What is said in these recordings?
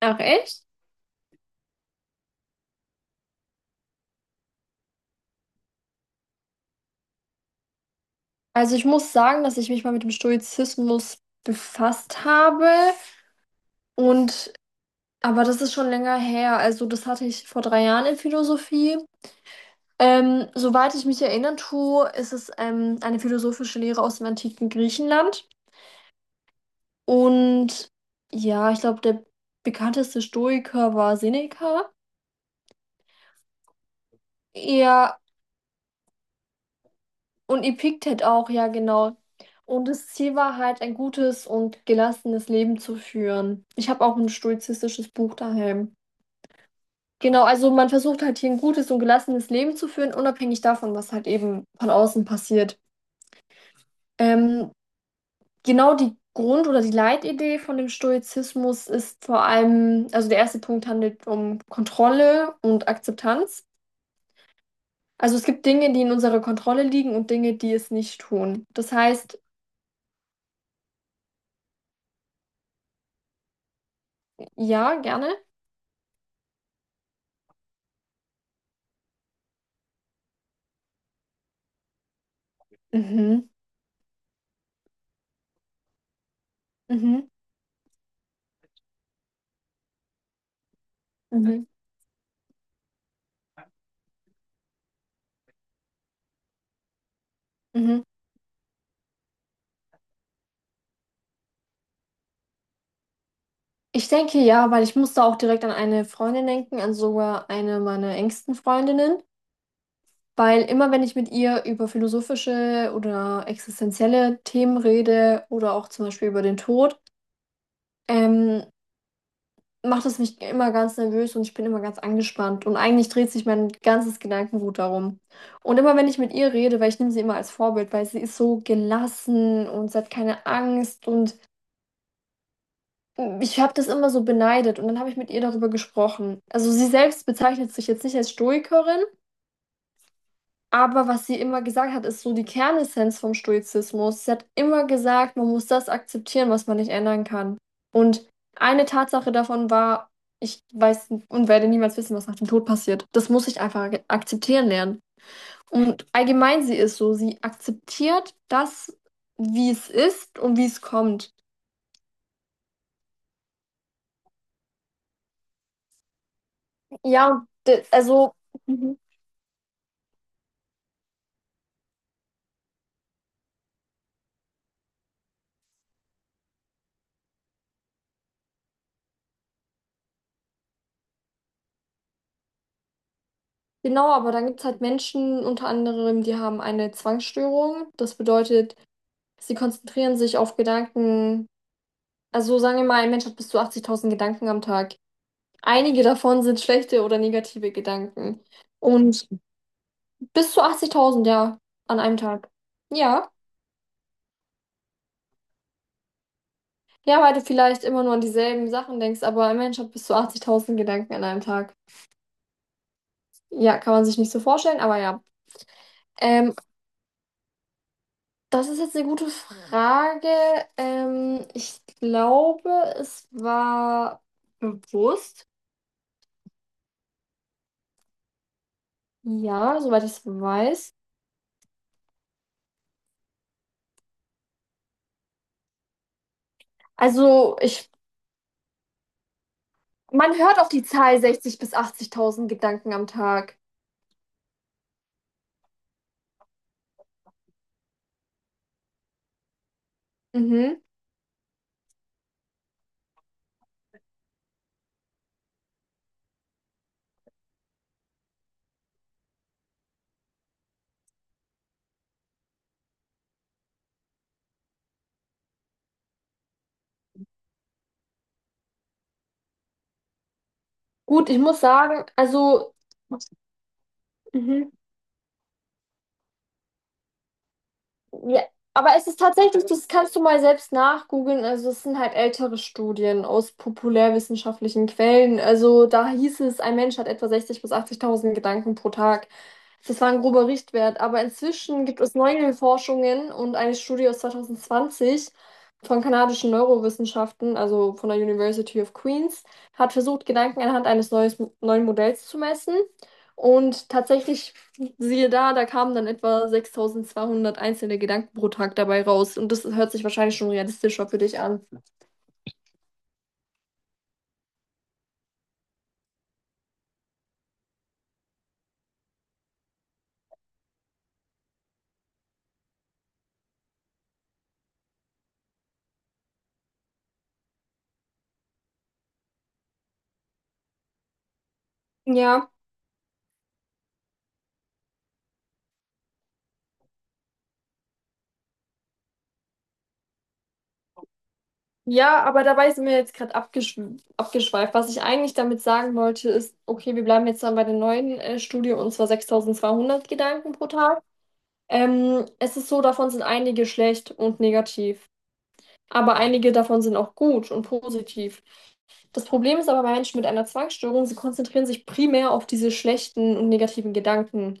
Ach echt? Also ich muss sagen, dass ich mich mal mit dem Stoizismus befasst habe und aber das ist schon länger her. Also das hatte ich vor 3 Jahren in Philosophie. Soweit ich mich erinnern tue, ist es eine philosophische Lehre aus dem antiken Griechenland. Und ja, ich glaube, der bekannteste Stoiker war Seneca. Er Und Epiktet auch, ja, genau. Und das Ziel war halt, ein gutes und gelassenes Leben zu führen. Ich habe auch ein stoizistisches Buch daheim. Genau, also man versucht halt hier ein gutes und gelassenes Leben zu führen, unabhängig davon, was halt eben von außen passiert. Ähm, genau, die Grund- oder die Leitidee von dem Stoizismus ist vor allem, also der erste Punkt handelt um Kontrolle und Akzeptanz. Also es gibt Dinge, die in unserer Kontrolle liegen und Dinge, die es nicht tun. Ja, gerne. Mhm. Mhm, mhm, mhm. Ich denke ja, weil ich musste auch direkt an eine Freundin denken, an sogar eine meiner engsten Freundinnen, weil immer wenn ich mit ihr über philosophische oder existenzielle Themen rede oder auch zum Beispiel über den Tod ähm, macht es mich immer ganz nervös und ich bin immer ganz angespannt und eigentlich dreht sich mein ganzes Gedankengut darum. Und immer wenn ich mit ihr rede, weil ich nehme sie immer als Vorbild, weil sie ist so gelassen und sie hat keine Angst und ich habe das immer so beneidet und dann habe ich mit ihr darüber gesprochen. Also sie selbst bezeichnet sich jetzt nicht als Stoikerin, aber was sie immer gesagt hat, ist so die Kernessenz vom Stoizismus. Sie hat immer gesagt, man muss das akzeptieren, was man nicht ändern kann. Und eine Tatsache davon war, ich weiß und werde niemals wissen, was nach dem Tod passiert. Das muss ich einfach akzeptieren lernen. Und allgemein sie ist so, sie akzeptiert das, wie es ist und wie es kommt. Ja, und also. Mhm. Genau, aber dann gibt es halt Menschen, unter anderem, die haben eine Zwangsstörung. Das bedeutet, sie konzentrieren sich auf Gedanken. Also sagen wir mal, ein Mensch hat bis zu 80.000 Gedanken am Tag. Einige davon sind schlechte oder negative Gedanken. Und bis zu 80.000, ja, an einem Tag. Ja, ja, weil du vielleicht immer nur an dieselben Sachen denkst, aber ein Mensch hat bis zu 80.000 Gedanken an einem Tag. Ja, kann man sich nicht so vorstellen, aber ja. Ähm, Das ist jetzt eine gute Frage. Ich glaube, es war bewusst. Ja, soweit ich es weiß. Also, man hört auf die Zahl 60.000 bis 80.000 Gedanken am Tag. Mhm. Gut, ich muss sagen, also. Mhm. Ja, aber es ist tatsächlich, das kannst du mal selbst nachgoogeln. Also, es sind halt ältere Studien aus populärwissenschaftlichen Quellen. Also, da hieß es, ein Mensch hat etwa 60.000 bis 80.000 Gedanken pro Tag. Das war ein grober Richtwert. Aber inzwischen gibt es neue Forschungen und eine Studie aus 2020 von kanadischen Neurowissenschaften, also von der University of Queens, hat versucht, Gedanken anhand eines neuen Modells zu messen. Und tatsächlich, siehe da, da kamen dann etwa 6200 einzelne Gedanken pro Tag dabei raus. Und das hört sich wahrscheinlich schon realistischer für dich an. Ja, ja, aber dabei sind wir jetzt gerade abgeschweift. Was ich eigentlich damit sagen wollte, ist, okay, wir bleiben jetzt dann bei der neuen Studie und zwar 6200 Gedanken pro Tag. Es ist so, davon sind einige schlecht und negativ, aber einige davon sind auch gut und positiv. Das Problem ist aber bei Menschen mit einer Zwangsstörung, sie konzentrieren sich primär auf diese schlechten und negativen Gedanken.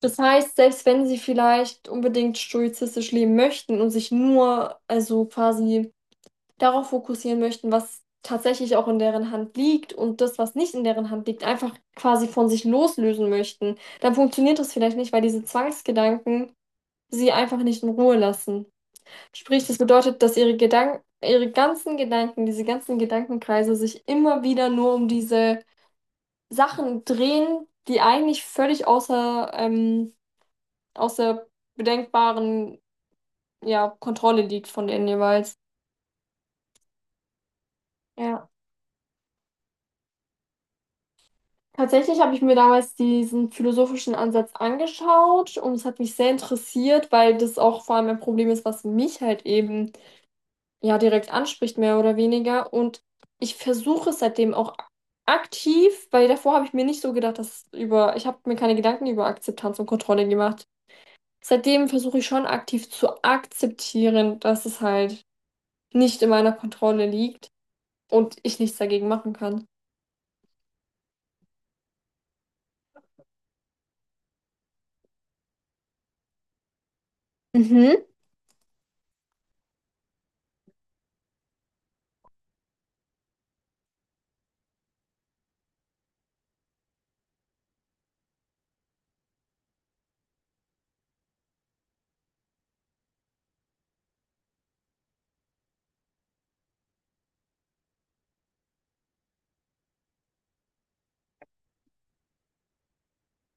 Das heißt, selbst wenn sie vielleicht unbedingt stoizistisch leben möchten und sich nur, also quasi darauf fokussieren möchten, was tatsächlich auch in deren Hand liegt und das, was nicht in deren Hand liegt, einfach quasi von sich loslösen möchten, dann funktioniert das vielleicht nicht, weil diese Zwangsgedanken sie einfach nicht in Ruhe lassen. Sprich, das bedeutet, dass ihre Gedanken, ihre ganzen Gedanken, diese ganzen Gedankenkreise sich immer wieder nur um diese Sachen drehen, die eigentlich völlig außer bedenkbaren, ja, Kontrolle liegt von denen jeweils. Ja, tatsächlich habe ich mir damals diesen philosophischen Ansatz angeschaut und es hat mich sehr interessiert, weil das auch vor allem ein Problem ist, was mich halt eben ja direkt anspricht, mehr oder weniger. Und ich versuche es seitdem auch aktiv, weil davor habe ich mir nicht so gedacht, ich habe mir keine Gedanken über Akzeptanz und Kontrolle gemacht. Seitdem versuche ich schon aktiv zu akzeptieren, dass es halt nicht in meiner Kontrolle liegt und ich nichts dagegen machen kann. Mhm.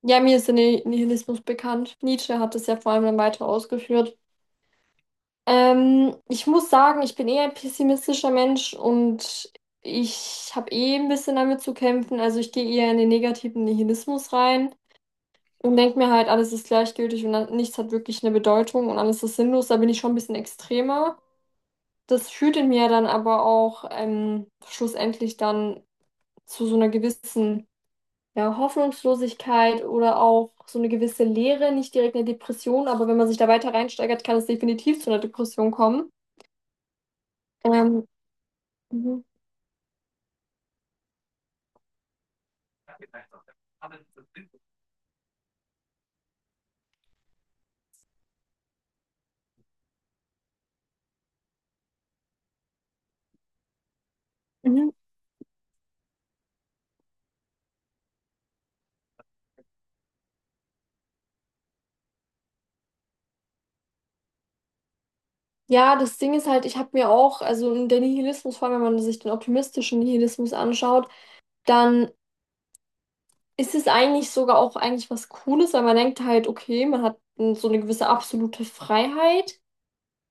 Ja, mir ist der Nihilismus bekannt. Nietzsche hat es ja vor allem dann weiter ausgeführt. Ich muss sagen, ich bin eher ein pessimistischer Mensch und ich habe eh ein bisschen damit zu kämpfen. Also ich gehe eher in den negativen Nihilismus rein und denke mir halt, alles ist gleichgültig und nichts hat wirklich eine Bedeutung und alles ist sinnlos. Da bin ich schon ein bisschen extremer. Das führt in mir dann aber auch schlussendlich dann zu so einer gewissen, ja, Hoffnungslosigkeit oder auch so eine gewisse Leere, nicht direkt eine Depression, aber wenn man sich da weiter reinsteigert, kann es definitiv zu einer Depression kommen. Ähm, mhm. Mhm. Ja, das Ding ist halt, ich habe mir auch, also in der Nihilismus, vor allem wenn man sich den optimistischen Nihilismus anschaut, dann ist es eigentlich sogar auch eigentlich was Cooles, weil man denkt halt, okay, man hat so eine gewisse absolute Freiheit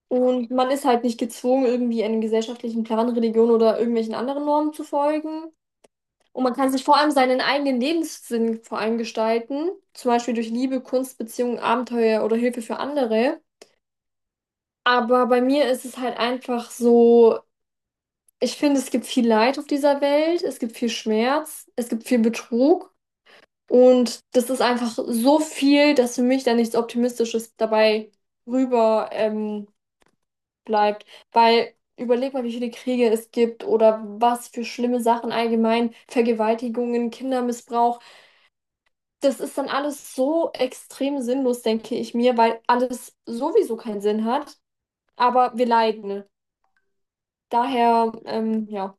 und man ist halt nicht gezwungen, irgendwie einem gesellschaftlichen Plan, Religion oder irgendwelchen anderen Normen zu folgen. Und man kann sich vor allem seinen eigenen Lebenssinn vor allem gestalten, zum Beispiel durch Liebe, Kunst, Beziehungen, Abenteuer oder Hilfe für andere. Aber bei mir ist es halt einfach so, ich finde, es gibt viel Leid auf dieser Welt, es gibt viel Schmerz, es gibt viel Betrug und das ist einfach so viel, dass für mich da nichts Optimistisches dabei rüber bleibt. Weil überleg mal, wie viele Kriege es gibt oder was für schlimme Sachen allgemein, Vergewaltigungen, Kindermissbrauch. Das ist dann alles so extrem sinnlos, denke ich mir, weil alles sowieso keinen Sinn hat, aber wir leiden. Daher, ja.